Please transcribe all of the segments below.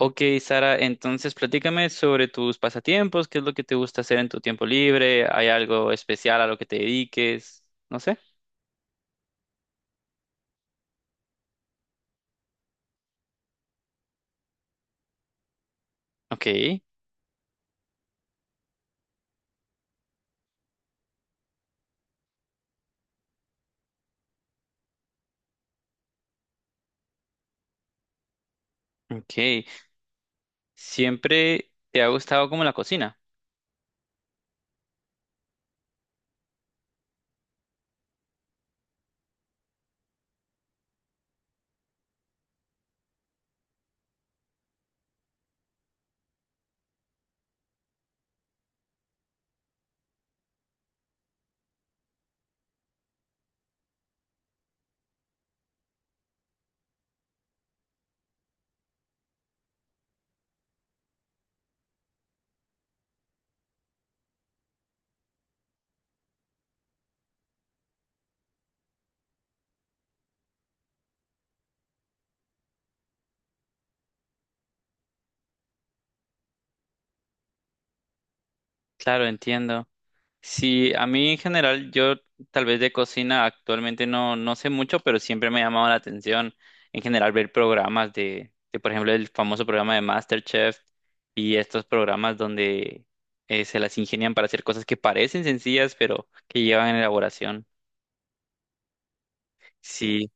Ok, Sara, entonces platícame sobre tus pasatiempos. ¿Qué es lo que te gusta hacer en tu tiempo libre? ¿Hay algo especial a lo que te dediques? No sé. Ok, ok. ¿Siempre te ha gustado como la cocina? Claro, entiendo. Sí, a mí en general, yo tal vez de cocina actualmente no, no sé mucho, pero siempre me ha llamado la atención en general ver programas de, por ejemplo, el famoso programa de MasterChef y estos programas donde se las ingenian para hacer cosas que parecen sencillas, pero que llevan elaboración. Sí,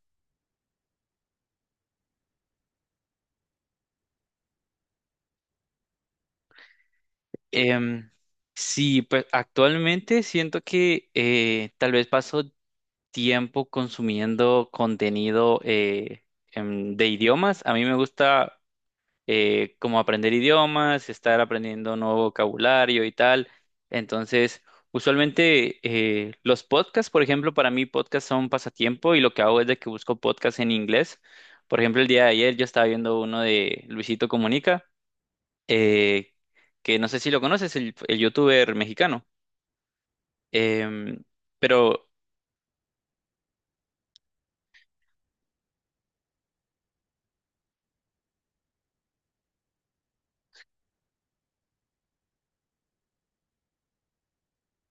em, sí, pues actualmente siento que tal vez paso tiempo consumiendo contenido de idiomas. A mí me gusta como aprender idiomas, estar aprendiendo nuevo vocabulario y tal. Entonces, usualmente los podcasts, por ejemplo, para mí podcasts son pasatiempo y lo que hago es de que busco podcasts en inglés. Por ejemplo, el día de ayer yo estaba viendo uno de Luisito Comunica, eh, que no sé si lo conoces, el youtuber mexicano. Em, pero,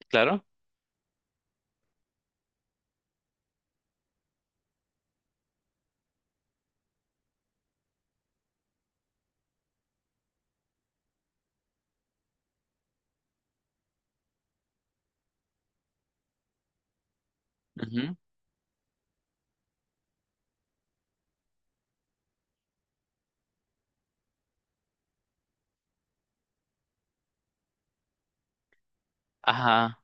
claro. Ujú, ajá,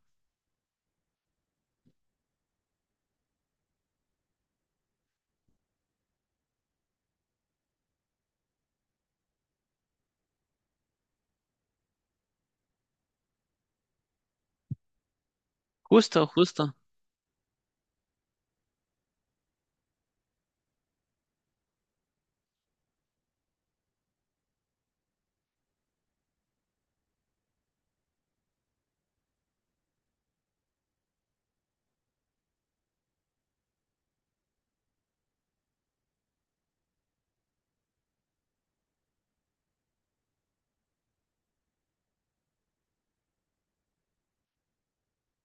justo, justo.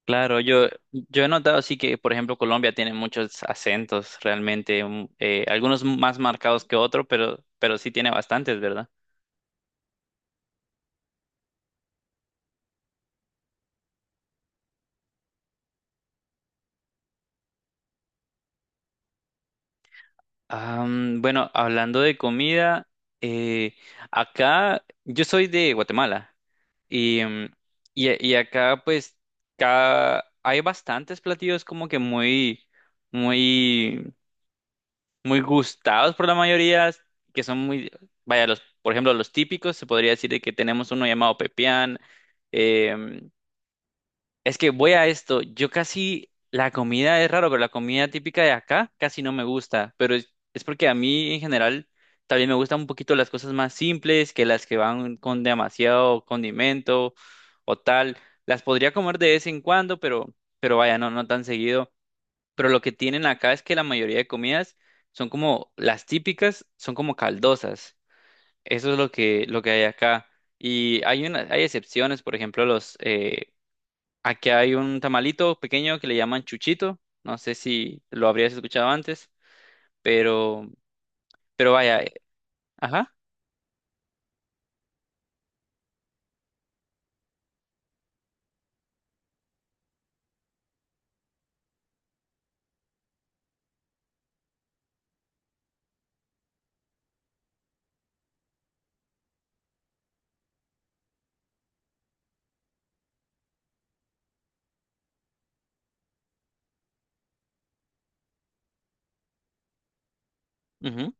Claro, yo he notado sí que, por ejemplo, Colombia tiene muchos acentos realmente, algunos más marcados que otros, pero sí tiene bastantes, ¿verdad? Bueno, hablando de comida, eh, acá yo soy de Guatemala y, mm, y acá pues hay bastantes platillos como que muy, muy muy gustados por la mayoría, que son muy, vaya, los, por ejemplo, los típicos, se podría decir de que tenemos uno llamado pepián. em, es que voy a esto, yo casi, la comida es raro, pero la comida típica de acá casi no me gusta, pero es porque a mí en general también me gustan un poquito las cosas más simples que las que van con demasiado condimento o tal. Las podría comer de vez en cuando, pero vaya, no tan seguido, pero lo que tienen acá es que la mayoría de comidas son como las típicas, son como caldosas. Eso es lo que hay acá. Y hay excepciones, por ejemplo, los aquí hay un tamalito pequeño que le llaman chuchito. No sé si lo habrías escuchado antes, pero, pero vaya, ajá, ujú.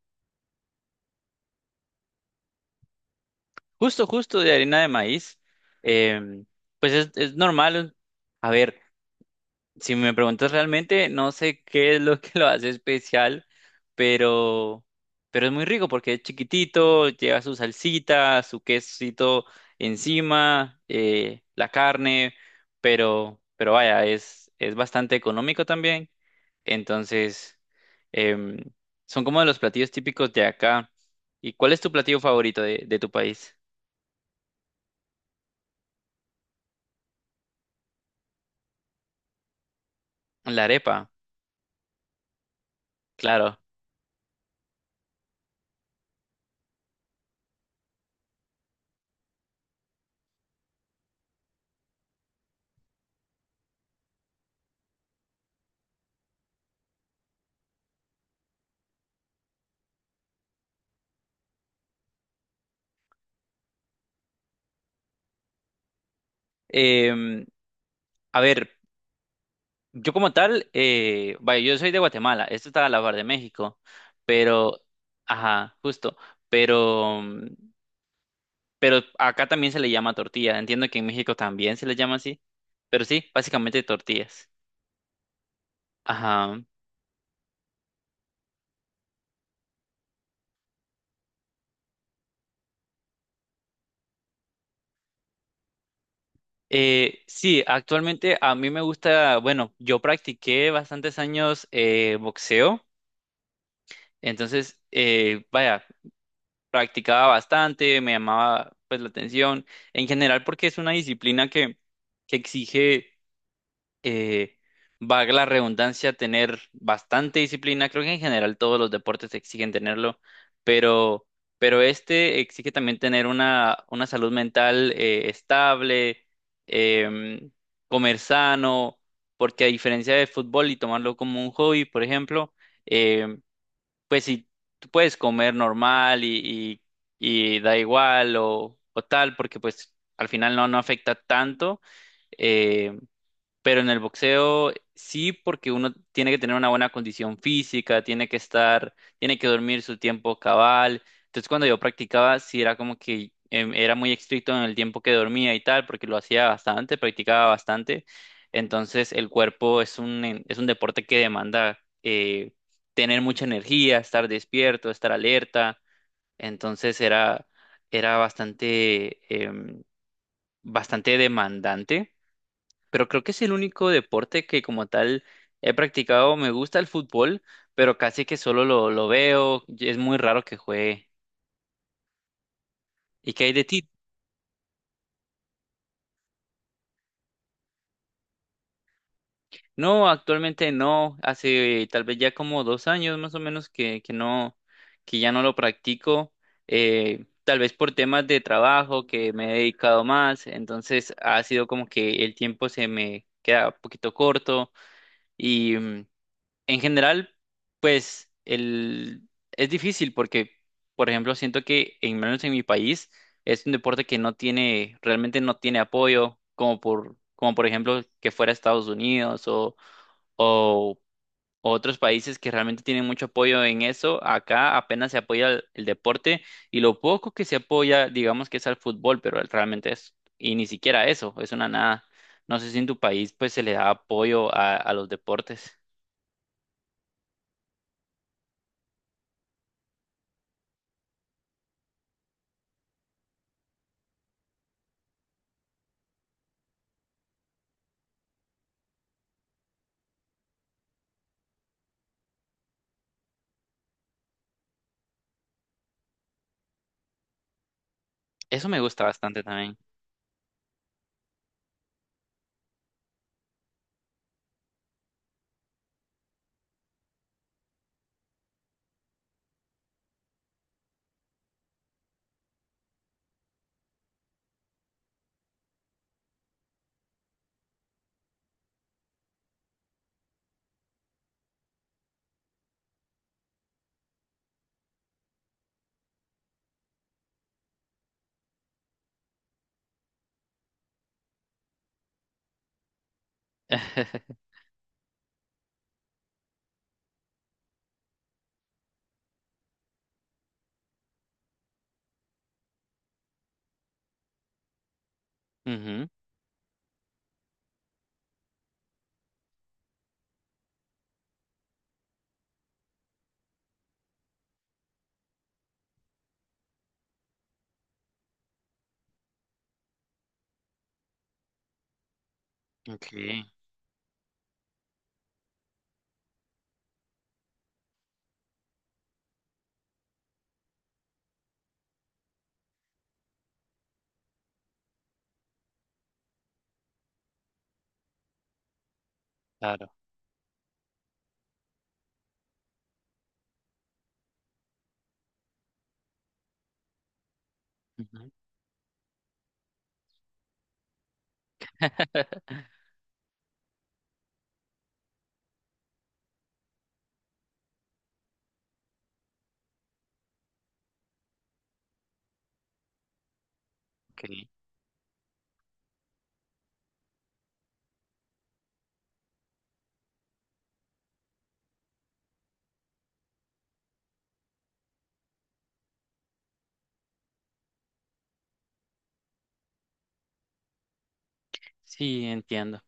Justo, justo de harina de maíz. Em, pues es normal. A ver. Si me preguntas realmente, no sé qué es lo que lo hace especial, pero, pero es muy rico porque es chiquitito, lleva su salsita, su quesito encima, la carne, pero vaya, es bastante económico también. Entonces, em, son como de los platillos típicos de acá. ¿Y cuál es tu platillo favorito de tu país? La arepa, claro. Em, a ver. Yo como tal, vaya, yo soy de Guatemala, esto está a la par de México, pero, ajá, justo, pero, mm, pero acá también se le llama tortilla, entiendo que en México también se le llama así, pero sí, básicamente tortillas. Ajá. Sí, actualmente a mí me gusta, bueno, yo practiqué bastantes años boxeo, entonces, vaya, practicaba bastante, me llamaba pues la atención, en general porque es una disciplina que exige eh, valga la redundancia, tener bastante disciplina. Creo que en general todos los deportes exigen tenerlo, pero, pero este exige también tener una salud mental estable, em, comer sano, porque a diferencia del fútbol y tomarlo como un hobby, por ejemplo, em, pues si tú puedes comer normal y da igual o tal, porque pues al final no afecta tanto. em, pero en el boxeo sí, porque uno tiene que tener una buena condición física, tiene que estar, tiene que dormir su tiempo cabal. Entonces cuando yo practicaba, sí era como que era muy estricto en el tiempo que dormía y tal, porque lo hacía bastante, practicaba bastante. Entonces el cuerpo es es un deporte que demanda tener mucha energía, estar despierto, estar alerta. Entonces era em, bastante demandante, pero creo que es el único deporte que como tal he practicado. Me gusta el fútbol, pero casi que solo lo veo. Y es muy raro que juegue. ¿Y qué hay de ti? No, actualmente no. Hace tal vez ya como 2 años más o menos que no, que ya no lo practico. Tal vez por temas de trabajo que me he dedicado más. Entonces ha sido como que el tiempo se me queda un poquito corto. Y en general, pues es difícil porque, por ejemplo, siento que en menos en mi país es un deporte que no tiene, realmente no tiene apoyo, como por ejemplo que fuera Estados Unidos o otros países que realmente tienen mucho apoyo en eso. Acá apenas se apoya el deporte y lo poco que se apoya, digamos que es al fútbol, pero realmente es, y ni siquiera eso, es una nada. No sé si en tu país pues se le da apoyo a los deportes. Eso me gusta bastante también. Ujú, ok, claro. Ujú, ok. Sí, entiendo.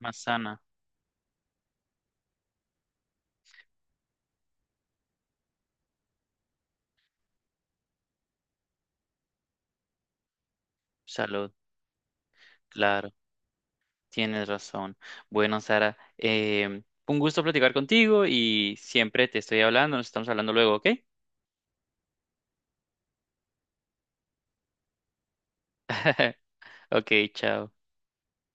Más sana, salud, claro. Tienes razón. Bueno, Sara, em, un gusto platicar contigo y siempre te estoy hablando. Nos estamos hablando luego, ¿ok? Ok, chao.